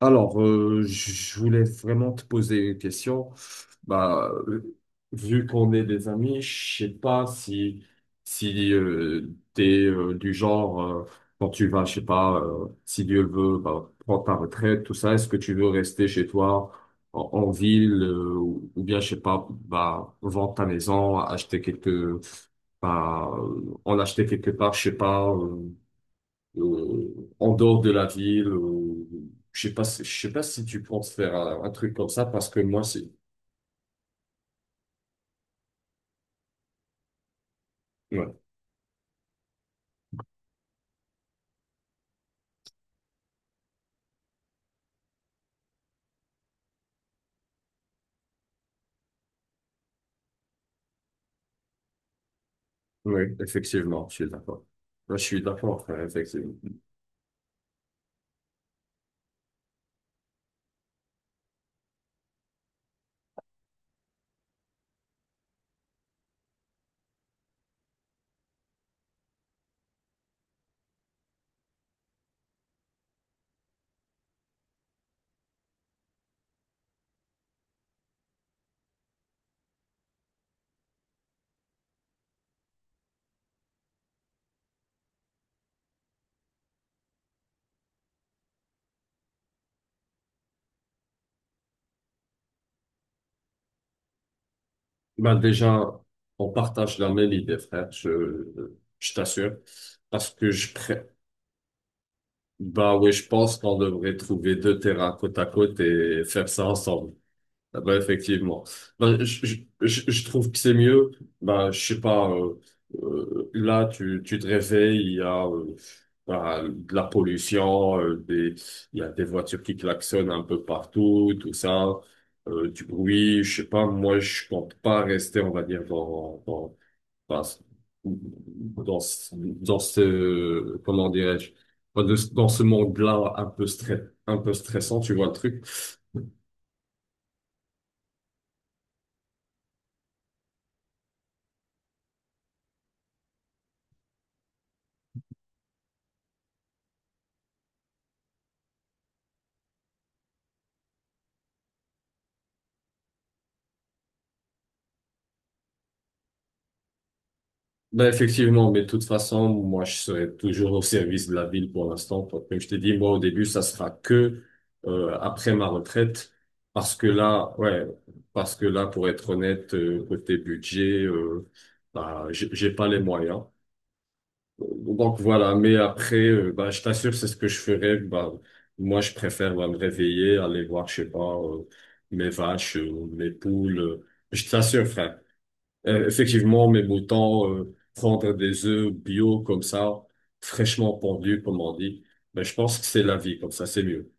Alors, je voulais vraiment te poser une question. Bah, euh, vu qu'on est des amis, je sais pas si t'es du genre, quand tu vas, je sais pas, si Dieu le veut, bah, prendre ta retraite, tout ça. Est-ce que tu veux rester chez toi en ville, ou bien je sais pas, bah vendre ta maison, acheter quelques, en acheter quelque part, je sais pas. En dehors de la ville. Je sais pas, je sais pas si tu penses faire un truc comme ça parce que moi, c'est. Ouais, ouais, effectivement, je suis d'accord. Moi, je suis d'accord, frère, effectivement. Ben déjà, on partage la même idée, frère. Je t'assure, parce que je... Bah ouais, je pense qu'on devrait trouver deux terrains côte à côte et faire ça ensemble. Ah bah, effectivement. Bah, je trouve que c'est mieux. Bah, je sais pas, là, tu te réveilles, il y a, bah, de la pollution, il y a des voitures qui klaxonnent un peu partout, tout ça, du bruit, je sais pas, moi, je compte pas rester, on va dire, dans, ce- dans, comment dirais-je, dans ce monde-là un peu stress, un peu stressant, tu vois le truc. Ben effectivement, mais de toute façon, moi, je serai toujours au service de la ville pour l'instant. Comme je t'ai dit, moi, au début, ça sera que après ma retraite. Parce que là, ouais, parce que là, pour être honnête, côté budget, bah, j'ai pas les moyens. Donc voilà, mais après, bah, je t'assure, c'est ce que je ferais. Bah, moi, je préfère bah, me réveiller, aller voir, je sais pas, mes vaches, mes poules. Je t'assure, frère. Effectivement, mais autant prendre des œufs bio comme ça, fraîchement pendus, comme on dit, ben, je pense que c'est la vie, comme ça, c'est mieux.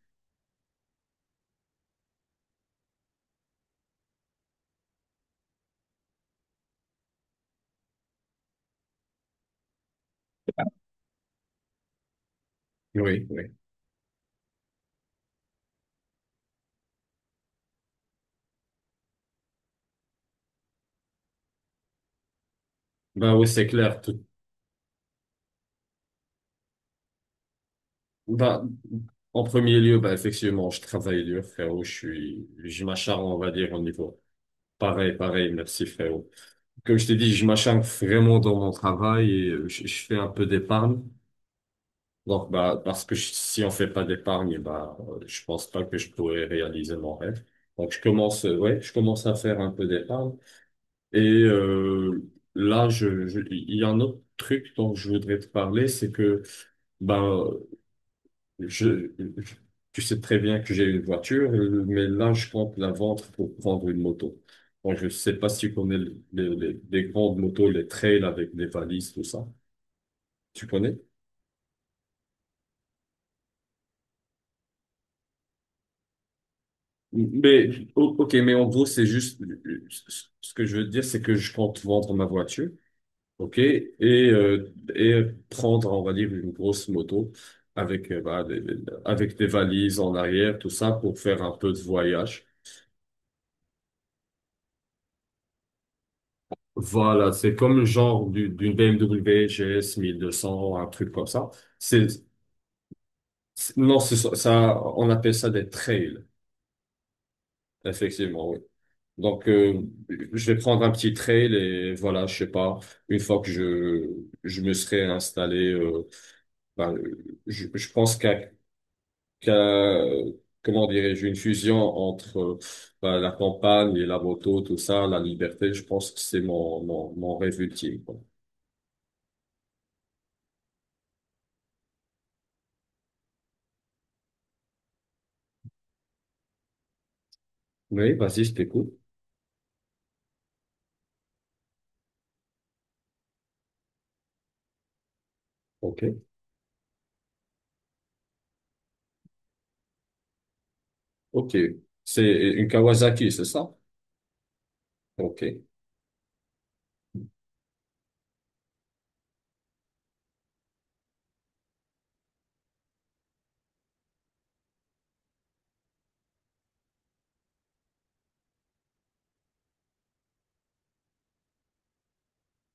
Oui, oui. Ben oui, c'est clair. Tout... Ben, en premier lieu, ben, effectivement, je travaille dur, frérot. Je suis, je m'acharne, on va dire, au niveau. Pareil, pareil, merci, frérot. Comme je t'ai dit, je m'acharne vraiment dans mon travail et je fais un peu d'épargne. Donc, bah, parce que si on fait pas d'épargne, bah, je pense pas que je pourrais réaliser mon rêve. Donc, je commence, ouais, je commence à faire un peu d'épargne. Et là, il y a un autre truc dont je voudrais te parler, c'est que, ben, je, je- tu sais très bien que j'ai une voiture, mais là, je compte la vendre pour prendre une moto. Donc, je sais pas si tu connais les grandes motos, les trails avec des valises, tout ça. Tu connais? Ok, mais en gros, c'est juste, ce que je veux dire, c'est que je compte vendre ma voiture, ok, et prendre, on va dire, une grosse moto avec, avec des valises en arrière, tout ça, pour faire un peu de voyage. Voilà, c'est comme le genre d'une BMW GS 1200, un truc comme ça. C'est, c'est- non, c'est ça, ça- On appelle ça des trails, effectivement, oui. Donc, je vais prendre un petit trail et voilà, je sais pas, une fois que je me serai installé, ben, je pense qu'à, comment dirais-je, une fusion entre ben, la campagne et la moto, tout ça, la liberté, je pense que c'est mon rêve ultime, quoi. Oui, vas-y, je t'écoute. Ok. Ok. C'est une Kawasaki, c'est ça? Ok.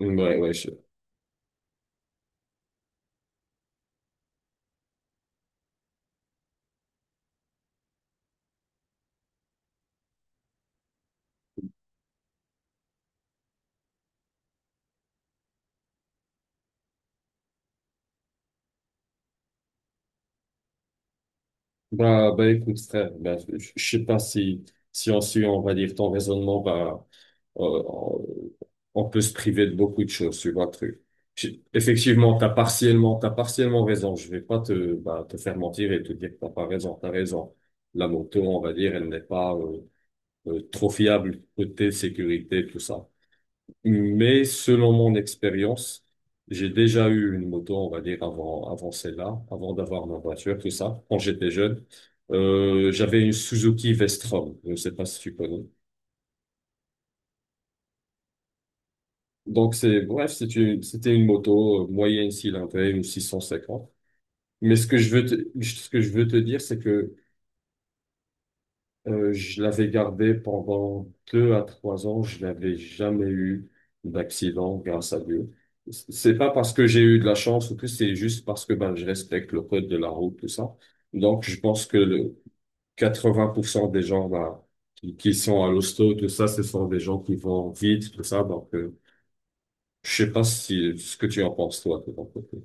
Ouais, ouais, je- Bah, bah, écoute, frère, bah, je sais pas si, si on suit, on va dire, ton raisonnement, bah, euh, on peut se priver de beaucoup de choses sur un truc. Effectivement, t'as partiellement raison. Je vais pas te, bah, te faire mentir et te dire que t'as pas raison. T'as raison. La moto, on va dire, elle n'est pas trop fiable côté sécurité, tout ça. Mais selon mon expérience, j'ai déjà eu une moto, on va dire, avant celle-là, avant d'avoir ma voiture, tout ça, quand j'étais jeune. J'avais une Suzuki Vestrom. Je ne sais pas si tu connais. Donc, c'était une moto moyenne cylindrée, une 650. Mais ce que ce que je veux te dire, c'est que je l'avais gardée pendant deux à trois ans. Je n'avais jamais eu d'accident, grâce à Dieu. C'est pas parce que j'ai eu de la chance ou tout, c'est juste parce que ben, je respecte le code de la route, tout ça. Donc, je pense que le 80% des gens ben, qui sont à l'hosto, tout ça, ce sont des gens qui vont vite, tout ça. Donc, je sais pas si ce que tu en penses, toi, de ton côté.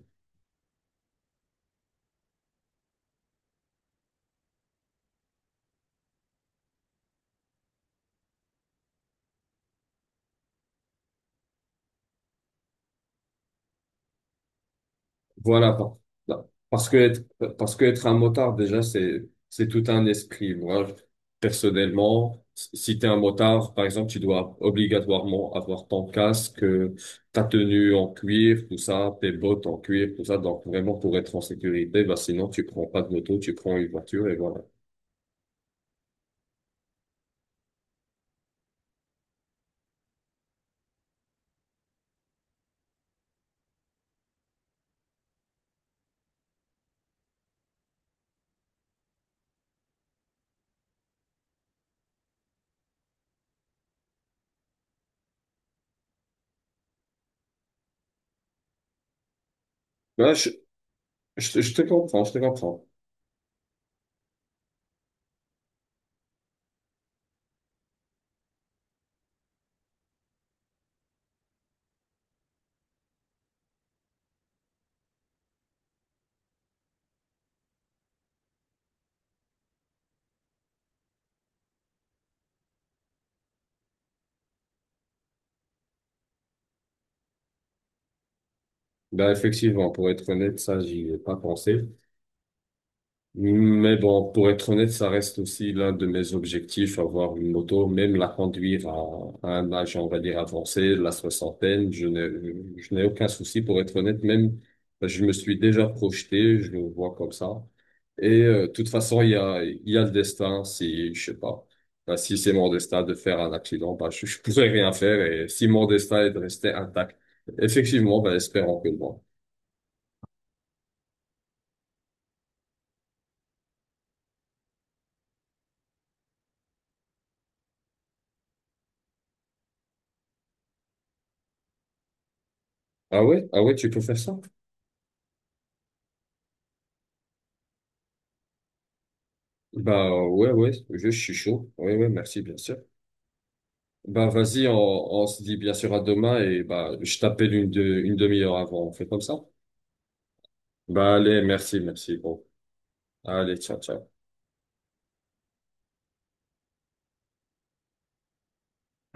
Voilà, par- parce que être un motard, déjà, c'est tout un esprit. Personnellement, si t'es un motard, par exemple, tu dois obligatoirement avoir ton casque, ta tenue en cuir, tout ça, tes bottes en cuir, tout ça. Donc, vraiment, pour être en sécurité, bah, sinon, tu prends pas de moto, tu prends une voiture et voilà. Bah, je, je te comprends, je te comprends. Bah, effectivement, pour être honnête, ça, j'y ai pas pensé. Mais bon, pour être honnête, ça reste aussi l'un de mes objectifs, avoir une moto, même la conduire à un âge, on va dire, avancé, la soixantaine. Je n'ai aucun souci, pour être honnête, même, je me suis déjà projeté, je le vois comme ça. Et de toute façon, il y a le destin, si, je sais pas, bah, si c'est mon destin de faire un accident, bah, je pourrais rien faire. Et si mon destin est de rester intact, effectivement, bah, espérons que non. Ah ouais? Ah ouais, tu peux faire ça? Bah ouais, ouais, suis chaud. Ouais, ouais, merci, bien sûr. Bah vas-y, on se dit bien sûr à demain et bah je t'appelle une demi-heure avant. On fait comme ça? Bah allez, merci, merci, gros. Allez, ciao, ciao.